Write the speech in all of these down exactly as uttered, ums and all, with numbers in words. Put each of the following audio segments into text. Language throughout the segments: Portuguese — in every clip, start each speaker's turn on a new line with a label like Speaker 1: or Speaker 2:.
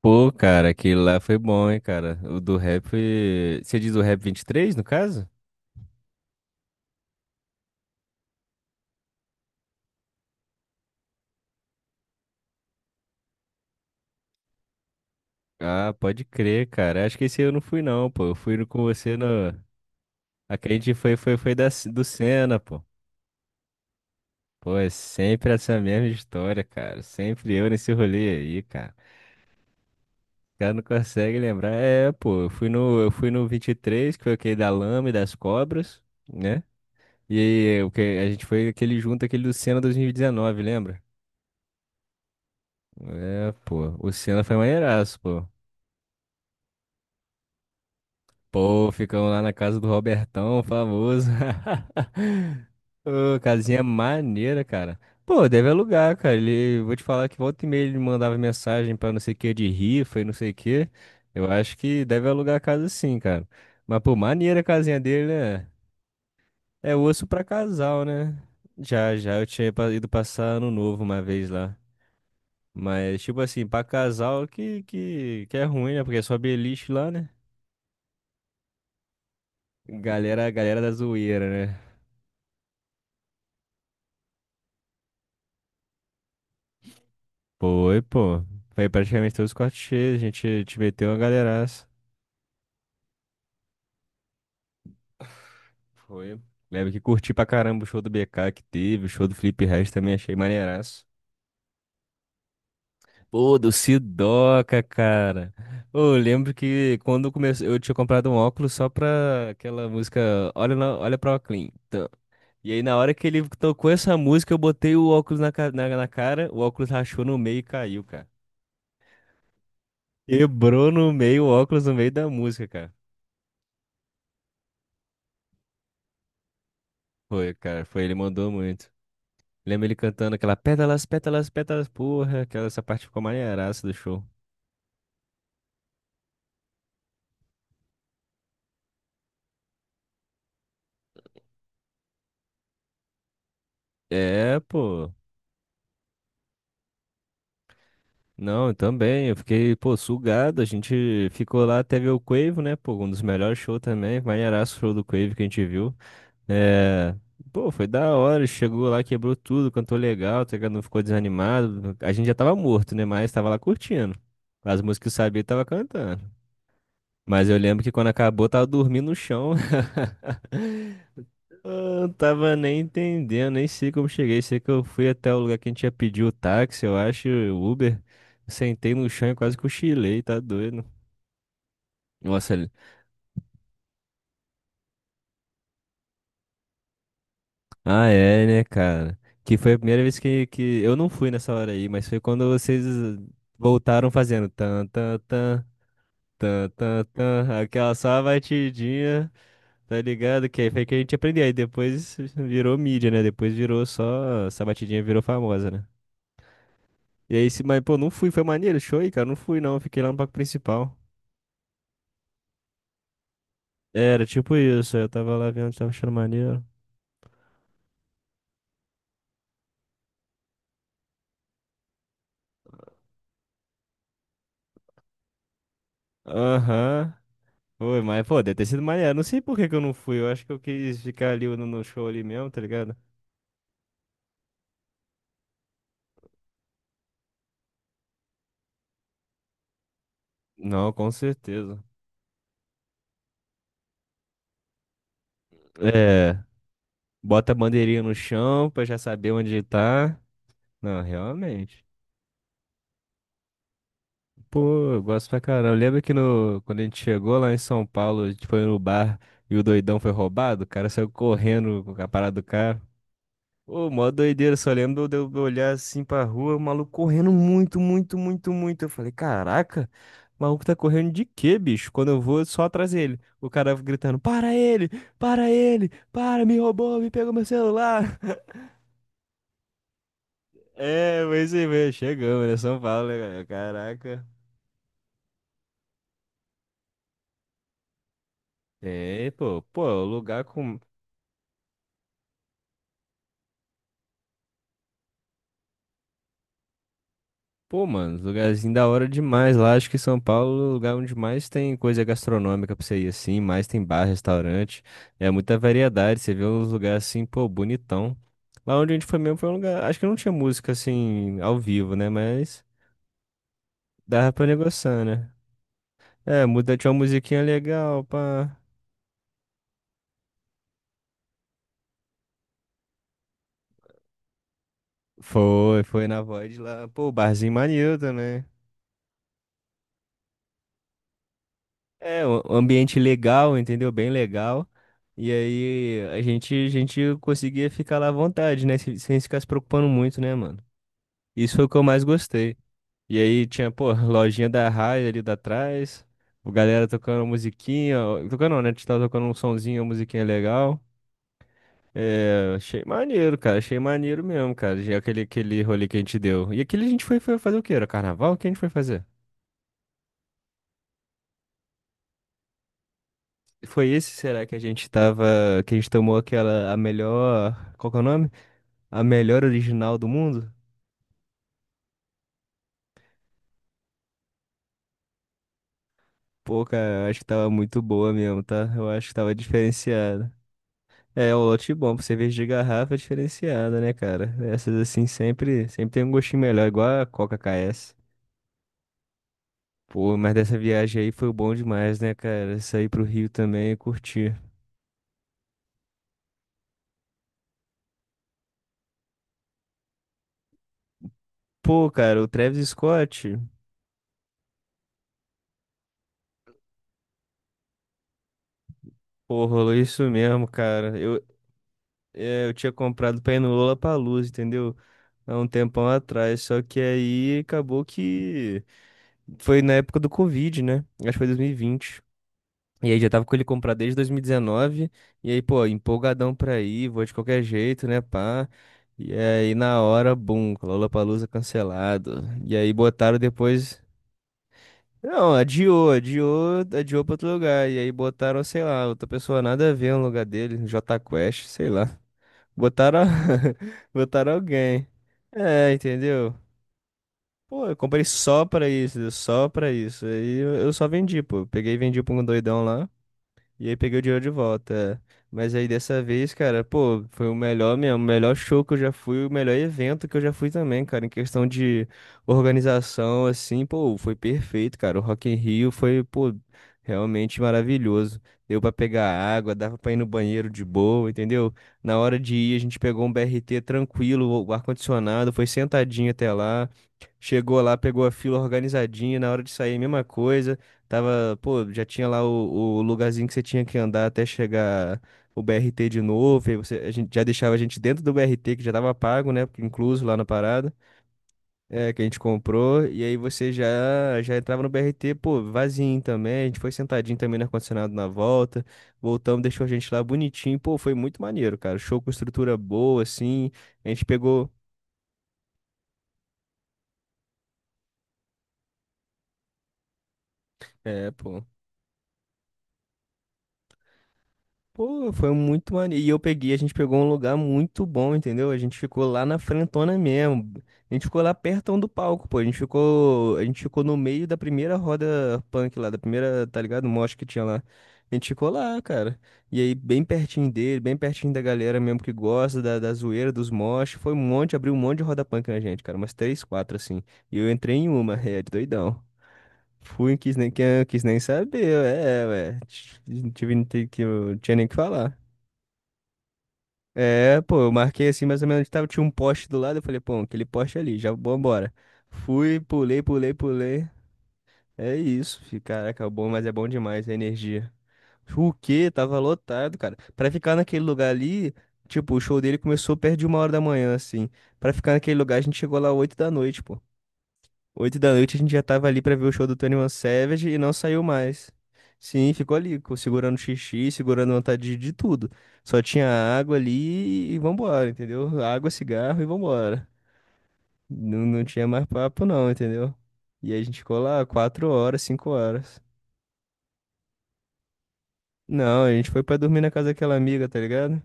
Speaker 1: Pô, cara, aquele lá foi bom, hein, cara. O do rap foi... Você diz o rap vinte e três no caso? Ah, pode crer, cara. Acho que esse eu não fui, não, pô. Eu fui no- com você no... A que a gente foi, foi, foi da, do Senna, pô. Pô, é sempre essa mesma história, cara. Sempre eu nesse rolê aí, cara. O cara não consegue lembrar. É, pô, eu fui no, eu fui no vinte e três que foi aquele da lama e das cobras, né? E aí, o que a gente foi aquele junto, aquele do Senna dois mil e dezenove, lembra? É, pô, o Senna foi maneiraço, pô. Pô, ficamos lá na casa do Robertão, famoso. Ô, casinha maneira, cara. Pô, deve alugar, cara. Ele, vou te falar que volta e meia ele mandava mensagem pra não sei o que de rifa e não sei o que. Eu acho que deve alugar a casa sim, cara. Mas, pô, maneira a casinha dele, né? É osso pra casal, né? Já, já eu tinha pa- ido passar ano novo uma vez lá. Mas, tipo assim, pra casal que, que, que é ruim, né? Porque é só beliche lá, né? Galera, galera da zoeira, né? Foi, pô. Foi praticamente todos os cortes cheios. A gente te meteu uma galeraça. Foi. Lembro que curti pra caramba o show do B K que teve. O show do Felipe Ret também achei maneiraço. Pô, do Sidoca, cara. Ô, eu lembro que quando começou, eu tinha comprado um óculos só pra aquela música olha, na, olha pra Oclean. E aí, na hora que ele tocou essa música, eu botei o óculos na, ca- na, na cara, o óculos rachou no meio e caiu, cara. Quebrou no meio o óculos no meio da música, cara. Foi, cara, foi, ele mandou muito. Lembro ele cantando aquela pétalas, pétalas, pétalas, porra, aquela essa parte ficou maneiraça do show. É, pô. Não, eu também, eu fiquei, pô, sugado. A gente ficou lá até ver o Quavo, né, pô, um dos melhores shows também. Maneiraço o show do Quavo que a gente viu. É. Pô, foi da hora, chegou lá, quebrou tudo, cantou legal, tá ligado? Não ficou desanimado. A gente já tava morto, né, mas tava lá curtindo. As músicas que eu sabia, eu tava cantando. Mas eu lembro que quando acabou, eu tava dormindo no chão. Eu tava nem entendendo, nem sei como cheguei. Sei que eu fui até o lugar que a gente ia pedir o táxi, eu acho, o Uber. Sentei no chão e quase cochilei, tá doido. Nossa, ele- ah, é, né, cara? Que foi a primeira vez que, que eu não fui nessa hora aí, mas foi quando vocês voltaram fazendo tan, tan, tan, tan, tan, tan, aquela só a batidinha, tá ligado? Que aí foi que a gente aprendeu. Aí depois virou mídia, né? Depois virou só, essa batidinha virou famosa, né? E aí, se, mas, pô, não fui, foi maneiro, show aí, cara, não fui não, fiquei lá no palco principal. Era tipo isso, aí eu tava lá vendo, tava achando maneiro. Aham. Foi, mas, pô, deve ter sido maneiro, não sei por que que eu não fui, eu acho que eu quis ficar ali no, no show ali mesmo, tá ligado? Não, com certeza. É, bota a bandeirinha no chão pra já saber onde tá. Não, realmente. Pô, eu gosto pra caramba. Lembra que no, quando a gente chegou lá em São Paulo, a gente foi no bar e o doidão foi roubado? O cara saiu correndo com a parada do carro. Ô, mó doideira, só lembro de eu olhar assim pra rua, o maluco correndo muito, muito, muito, muito. Eu falei, caraca, o maluco tá correndo de quê, bicho? Quando eu vou, só atrás dele. O cara gritando, para ele, para ele, para, me roubou, me pegou meu celular. É, mas aí, chegamos, né? São Paulo, né, cara? Caraca. É, pô, pô, o lugar com... Pô, mano, lugarzinho da hora demais lá. Acho que São Paulo é o lugar onde mais tem coisa gastronômica pra você ir assim, mais tem bar, restaurante. É muita variedade. Você vê uns lugares assim, pô, bonitão. Lá onde a gente foi mesmo foi um lugar. Acho que não tinha música assim, ao vivo, né? Mas dava pra negociar, né? É, muda, tinha uma musiquinha legal, pá. Foi, foi na Void lá. Pô, barzinho maneiro também. É, um um ambiente legal, entendeu? Bem legal. E aí a gente, a gente conseguia ficar lá à vontade, né? Sem, sem ficar se preocupando muito, né, mano? Isso foi o que eu mais gostei. E aí tinha, pô, lojinha da Raia ali da trás, o galera tocando musiquinha, ó, tocando não, né? A gente tava tocando um sonzinho, uma musiquinha legal. É, achei maneiro, cara, achei maneiro mesmo, cara, já aquele, aquele rolê que a gente deu. E aquele a gente foi, foi fazer o quê? Era carnaval? O que a gente foi fazer? Foi esse, será que a gente tava, que a gente tomou aquela, a melhor, qual que é o nome? A melhor original do mundo? Pô, cara, eu acho que tava muito boa mesmo, tá? Eu acho que tava diferenciada. É, o lote bom, pra cerveja de garrafa é diferenciada, né, cara? Essas assim sempre, sempre tem um gostinho melhor, igual a Coca K S. Pô, mas dessa viagem aí foi bom demais, né, cara? Sair pro Rio também e curtir. Pô, cara, o Travis Scott, pô, rolou isso mesmo, cara. Eu, é, eu tinha comprado pra ir no Lollapalooza, entendeu? Há um tempão atrás. Só que aí acabou que foi na época do Covid, né? Acho que foi dois mil E vinte e aí já tava com ele comprar desde dois mil e dezenove. E dezenove. E aí, pô, empolgadão pra ir, vou de qualquer jeito, né, pá. E aí na hora, bum, Lollapalooza cancelado. E aí botaram depois. Não, adiou, adiou, adiou pra outro lugar. E aí botaram, sei lá, outra pessoa nada a ver no lugar dele, Jota Quest, sei lá. Botaram, botaram alguém. É, entendeu? Pô, eu comprei só pra isso, só pra isso. Aí eu eu só vendi, pô. Eu peguei e vendi pra um doidão lá. E aí peguei o dinheiro de volta. É. Mas aí dessa vez, cara, pô, foi o melhor mesmo, o melhor show que eu já fui, o melhor evento que eu já fui também, cara. Em questão de organização, assim, pô, foi perfeito, cara. O Rock in Rio foi, pô, realmente maravilhoso. Deu pra pegar água, dava pra ir no banheiro de boa, entendeu? Na hora de ir, a gente pegou um B R T tranquilo, o ar-condicionado, foi sentadinho até lá. Chegou lá, pegou a fila organizadinha, na hora de sair, mesma coisa. Tava, pô, já tinha lá o, o lugarzinho que você tinha que andar até chegar o B R T de novo. Aí você, a gente já deixava a gente dentro do B R T, que já tava pago, né? Porque incluso lá na parada, é, que a gente comprou. E aí você já já entrava no B R T, pô, vazio também. A gente foi sentadinho também no ar-condicionado na volta. Voltamos, deixou a gente lá bonitinho. Pô, foi muito maneiro, cara. Show com estrutura boa, assim. A gente pegou. É, pô. Pô, foi muito maneiro. E eu peguei, a gente pegou um lugar muito bom, entendeu? A gente ficou lá na frentona mesmo. A gente ficou lá perto do palco, pô. A gente ficou, a gente ficou no meio da primeira roda punk lá, da primeira, tá ligado? Mosh que tinha lá. A gente ficou lá, cara. E aí, bem pertinho dele, bem pertinho da galera mesmo que gosta da, da zoeira, dos mosh. Foi um monte, abriu um monte de roda punk na gente, cara. Umas três, quatro, assim. E eu entrei em uma, é, doidão. Fui, quis nem, que- quis nem saber, é, ué. Tive, não tive- não tinha nem o que falar. É, pô, eu marquei assim mais ou menos, tava, tinha um poste do lado, eu falei, pô, aquele poste ali, já vambora. Fui, pulei, pulei, pulei. É isso, fi, caraca, é bom, mas é bom demais a energia. O quê? Tava lotado, cara. Pra ficar naquele lugar ali, tipo, o show dele começou perto de uma hora da manhã, assim. Pra ficar naquele lugar, a gente chegou lá oito da noite, pô. Oito da noite a gente já tava ali pra ver o show do vinte e um Savage e não saiu mais. Sim, ficou ali, co- segurando xixi, segurando vontade de de tudo. Só tinha água ali e vambora, entendeu? Água, cigarro e vambora. Não, não tinha mais papo não, entendeu? E aí a gente ficou lá quatro horas, cinco horas. Não, a gente foi pra dormir na casa daquela amiga, tá ligado?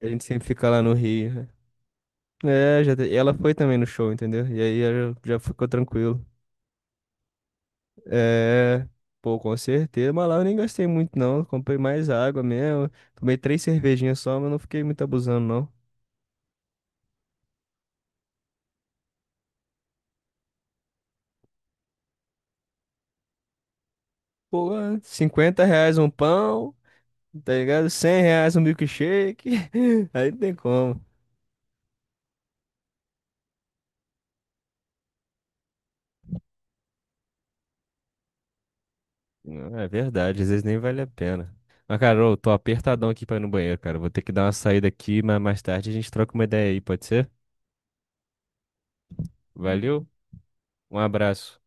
Speaker 1: A gente sempre fica lá no Rio. Né? É, já, te- ela foi também no show, entendeu? E aí eu já ficou tranquilo. É, pô, com certeza. Mas lá eu nem gastei muito, não. Comprei mais água mesmo. Tomei três cervejinhas só, mas não fiquei muito abusando, não. Pô, cinquenta reais um pão, tá ligado? Cem reais um milkshake. Aí não tem como. Não, é verdade, às vezes nem vale a pena. Mas, cara, eu tô apertadão aqui pra ir no banheiro, cara. Vou ter que dar uma saída aqui, mas mais tarde a gente troca uma ideia aí, pode ser? Valeu, um abraço.